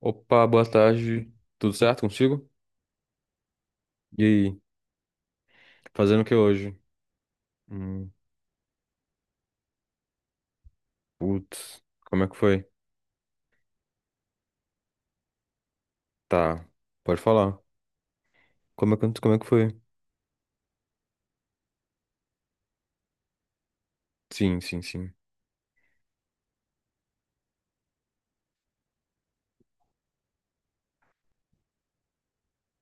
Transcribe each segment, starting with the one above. Opa, boa tarde. Tudo certo contigo? E aí, fazendo o que hoje? Hum, putz, como é que foi? Tá, pode falar. Como é que foi? Sim, sim, sim.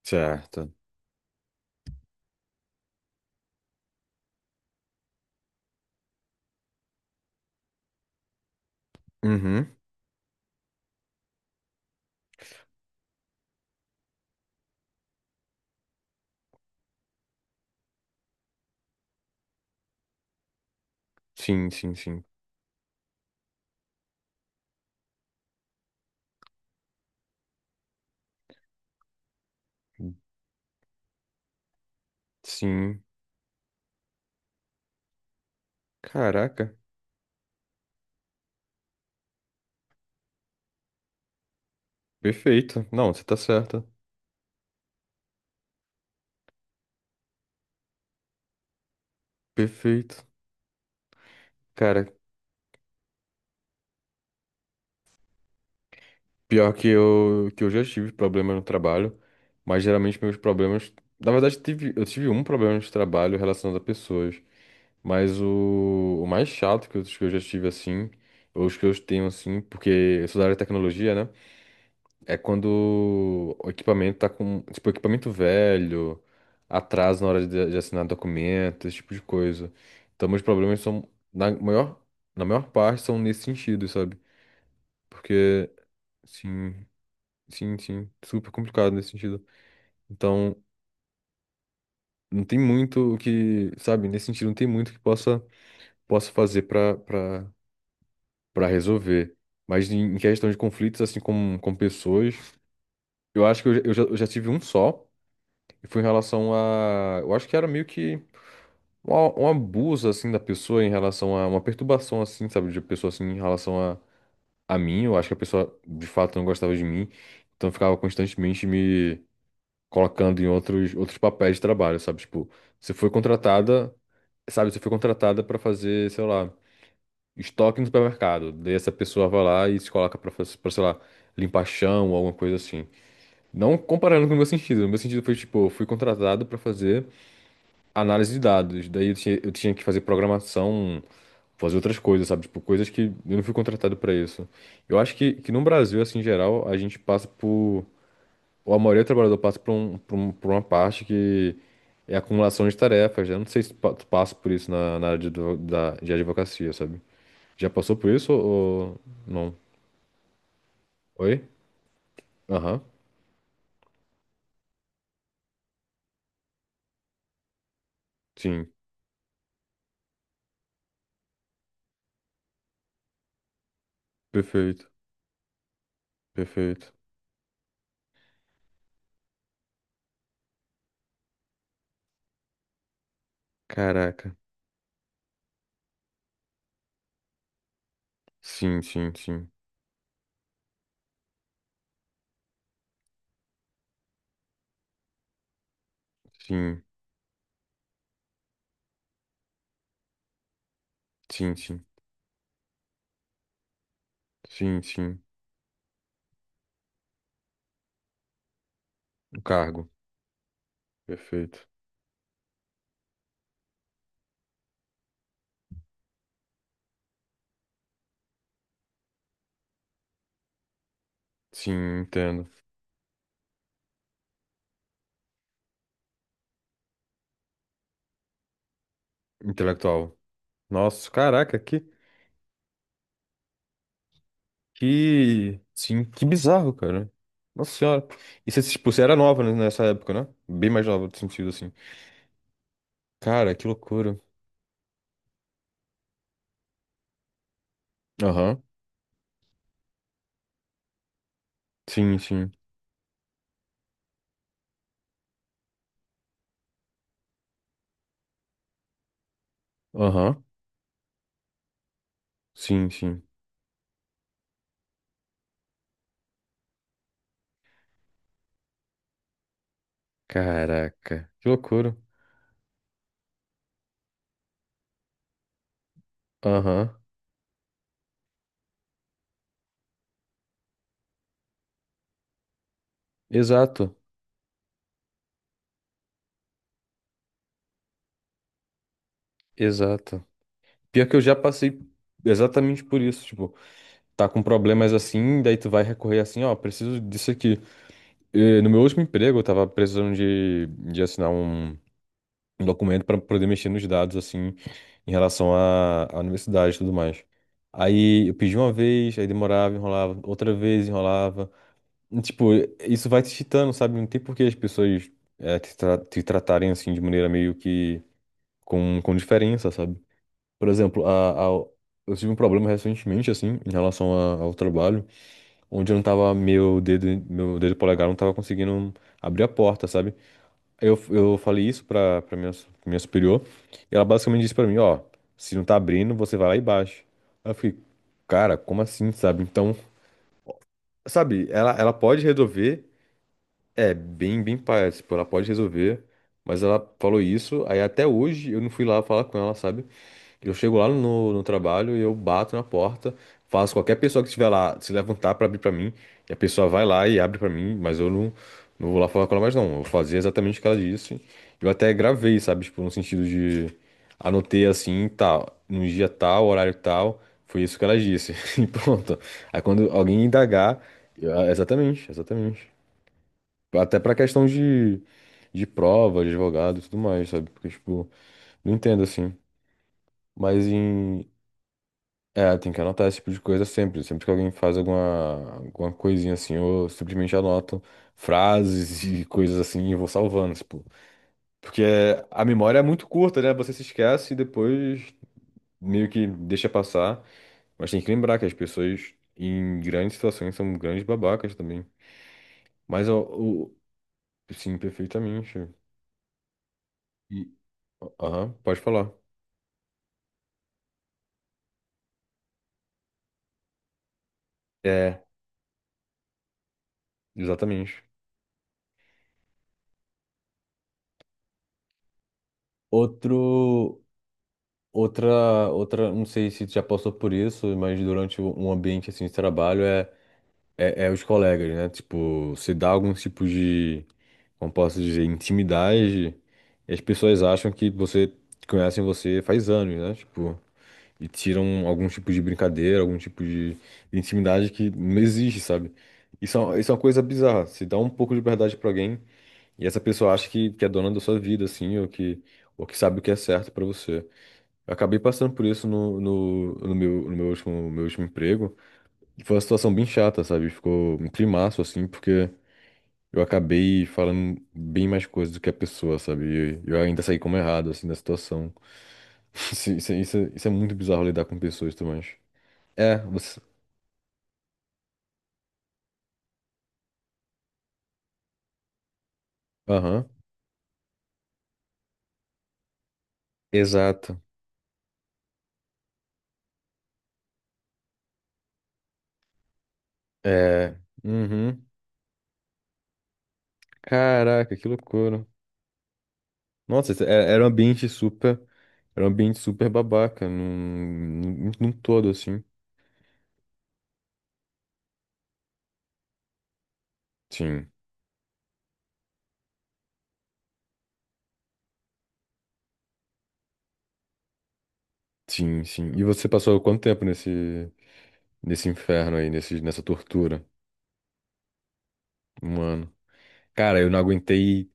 Certo. Uhum. Sim, sim, sim. Sim. Caraca, perfeito. Não, você tá certa. Perfeito. Cara, pior que eu já tive problema no trabalho, mas geralmente meus problemas. Na verdade, tive, eu tive um problema de trabalho relacionado a pessoas. Mas o mais chato que eu já tive assim, ou os que eu tenho assim, porque eu sou da área de tecnologia, né? É quando o equipamento tá com, tipo, equipamento velho, atraso na hora de assinar documento, esse tipo de coisa. Então, meus problemas são, na maior parte, são nesse sentido, sabe? Porque, sim, sim, sim, super complicado nesse sentido. Então, não tem muito o que, sabe? Nesse sentido, não tem muito que possa fazer pra para resolver. Mas em questão de conflitos, assim, com pessoas, eu acho que eu já tive um só, e foi em relação a. Eu acho que era meio que um abuso, assim, da pessoa em relação a uma perturbação, assim, sabe, de pessoa, assim, em relação a mim. Eu acho que a pessoa, de fato, não gostava de mim, então ficava constantemente me colocando em outros, outros papéis de trabalho, sabe? Tipo, você foi contratada, sabe, você foi contratada para fazer, sei lá, estoque no supermercado. Daí essa pessoa vai lá e se coloca pra, pra, sei lá, limpar chão ou alguma coisa assim. Não comparando com o meu sentido. O meu sentido foi, tipo, eu fui contratado pra fazer análise de dados. Daí eu tinha que fazer programação, fazer outras coisas, sabe? Tipo, coisas que eu não fui contratado pra isso. Eu acho que no Brasil, assim, em geral, a gente passa por... Ou a maioria do trabalhador passa por uma parte que é acumulação de tarefas, né? Eu não sei se tu passa por isso na, na área de, de advocacia, sabe? Já passou por isso ou não? Oi? Aham. Sim. Perfeito. Perfeito. Caraca. Sim, sim, sim. Sim, sim, sim. Sim, sim. O cargo. Perfeito. Sim, entendo. Intelectual. Nossa, caraca, que, sim, que bizarro, cara. Nossa senhora. E você, tipo, você era nova, né, nessa época, né? Bem mais nova, no sentido assim. Cara, que loucura. Aham. Sim, sim. Aham. Sim, sim. Caraca, que loucura. Aham. Exato, exato. Pior que eu já passei exatamente por isso, tipo, tá com problemas assim, daí tu vai recorrer assim, ó, preciso disso aqui. No meu último emprego, eu tava precisando de assinar um, um documento pra poder mexer nos dados, assim, em relação à, à universidade e tudo mais. Aí eu pedi uma vez, aí demorava, enrolava, outra vez enrolava. E, tipo, isso vai te chitando, sabe? Não tem por que as pessoas te tratarem assim de maneira meio que com diferença, sabe? Por exemplo, eu tive um problema recentemente, assim, em relação ao trabalho, onde eu não tava, meu dedo polegar não tava conseguindo abrir a porta, sabe? Aí eu falei isso pra minha, minha superior, e ela basicamente disse pra mim, ó, se não tá abrindo, você vai lá e baixa. Aí eu fiquei, cara, como assim, sabe? Então, sabe, ela pode resolver, é, bem paia, tipo, ela pode resolver, mas ela falou isso, aí até hoje eu não fui lá falar com ela, sabe? Eu chego lá no trabalho e eu bato na porta, faço qualquer pessoa que estiver lá se levantar para abrir para mim, e a pessoa vai lá e abre para mim, mas eu não, não vou lá falar com ela mais não. Eu fazia exatamente o que ela disse. Eu até gravei, sabe, tipo, no sentido de anotei assim, tal, num dia tal, horário tal, foi isso que ela disse. E pronto. Aí quando alguém indagar, ah, exatamente, exatamente. Até para questão de prova, de advogado e tudo mais, sabe? Porque tipo, não entendo assim. Mas em, é, tem que anotar esse tipo de coisa sempre. Sempre que alguém faz alguma, alguma coisinha assim, eu simplesmente anoto frases e coisas assim e vou salvando, tipo. Porque a memória é muito curta, né? Você se esquece e depois meio que deixa passar. Mas tem que lembrar que as pessoas em grandes situações são grandes babacas também. Mas o. Sim, perfeitamente. E. Aham, pode falar. É, exatamente. Outro. Outra, outra, não sei se tu já passou por isso, mas durante um ambiente assim de trabalho é os colegas, né? Tipo, se dá algum tipo de, como posso dizer, intimidade, e as pessoas acham que você conhecem você faz anos, né? Tipo, e tiram algum tipo de brincadeira, algum tipo de intimidade que não existe, sabe? Isso é, isso é uma coisa bizarra. Se dá um pouco de verdade pra alguém e essa pessoa acha que é dona da sua vida, assim, ou que sabe o que é certo pra você. Eu acabei passando por isso no meu último emprego. E foi uma situação bem chata, sabe? Ficou um climaço, assim, porque eu acabei falando bem mais coisas do que a pessoa, sabe? E eu ainda saí como errado, assim, da situação. Isso é muito bizarro lidar com pessoas também. É, você. Aham. Exato. É. Uhum. Caraca, que loucura. Nossa, isso era um ambiente super. Era um ambiente super babaca, num todo, assim. Sim. Sim, sim. E você passou quanto tempo nesse, nesse inferno aí, nesse, nessa tortura? Um ano. Cara,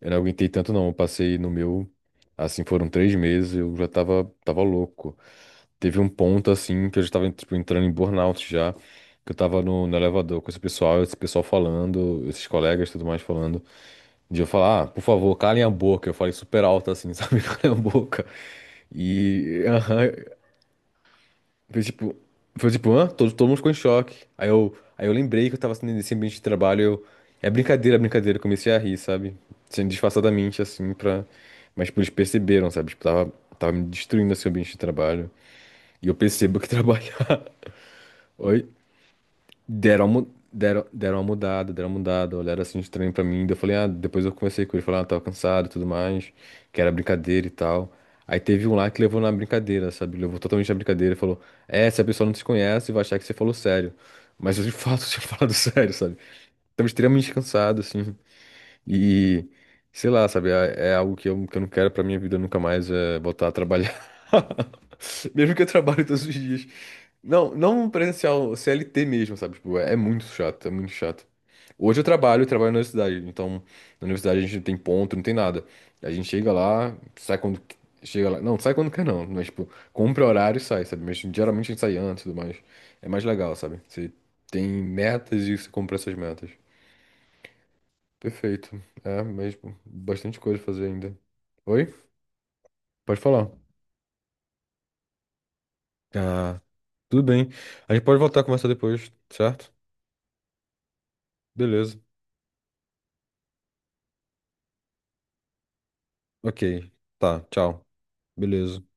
eu não aguentei tanto não. Eu passei no meu, assim, foram 3 meses, eu já tava, tava louco. Teve um ponto, assim, que eu já tava, tipo, entrando em burnout já, que eu tava no elevador com esse pessoal falando, esses colegas e tudo mais falando, de eu falar, ah, por favor, calem a boca. Eu falei super alto, assim, sabe? Calem a boca. E, aham, Foi tipo, foi tipo, hã? Todo mundo ficou em choque. Aí eu lembrei que eu tava assim, nesse ambiente de trabalho. Eu, é brincadeira, é brincadeira. Eu comecei a rir, sabe? Sendo disfarçadamente, assim, pra. Mas, tipo, eles perceberam, sabe? Tipo, tava me destruindo esse ambiente de trabalho. E eu percebo que trabalhar. Oi? Deram, deram, deram uma mudada, olharam assim estranho pra mim. Daí eu falei, ah, depois eu conversei com ele, falei, ah, tava cansado e tudo mais, que era brincadeira e tal. Aí teve um lá que levou na brincadeira, sabe? Levou totalmente na brincadeira e falou, é, essa pessoa não te conhece, vai achar que você falou sério. Mas eu de fato tinha falado sério, sabe? Tava extremamente cansado, assim. E, sei lá, sabe, é algo que eu não quero pra minha vida nunca mais, é voltar a trabalhar. Mesmo que eu trabalhe todos os dias. Não, não presencial, CLT mesmo, sabe? Tipo, é muito chato, é muito chato. Hoje eu trabalho na universidade, então na universidade a gente não tem ponto, não tem nada. A gente chega lá, sai chega lá, não, sai quando quer não, mas tipo, compra horário e sai, sabe? Mas geralmente a gente sai antes e tudo mais. É mais legal, sabe? Você tem metas e você compra essas metas. Perfeito. É mesmo. Bastante coisa a fazer ainda. Oi? Pode falar. Ah, tudo bem. A gente pode voltar a conversar depois, certo? Beleza. Ok. Tá, tchau. Beleza.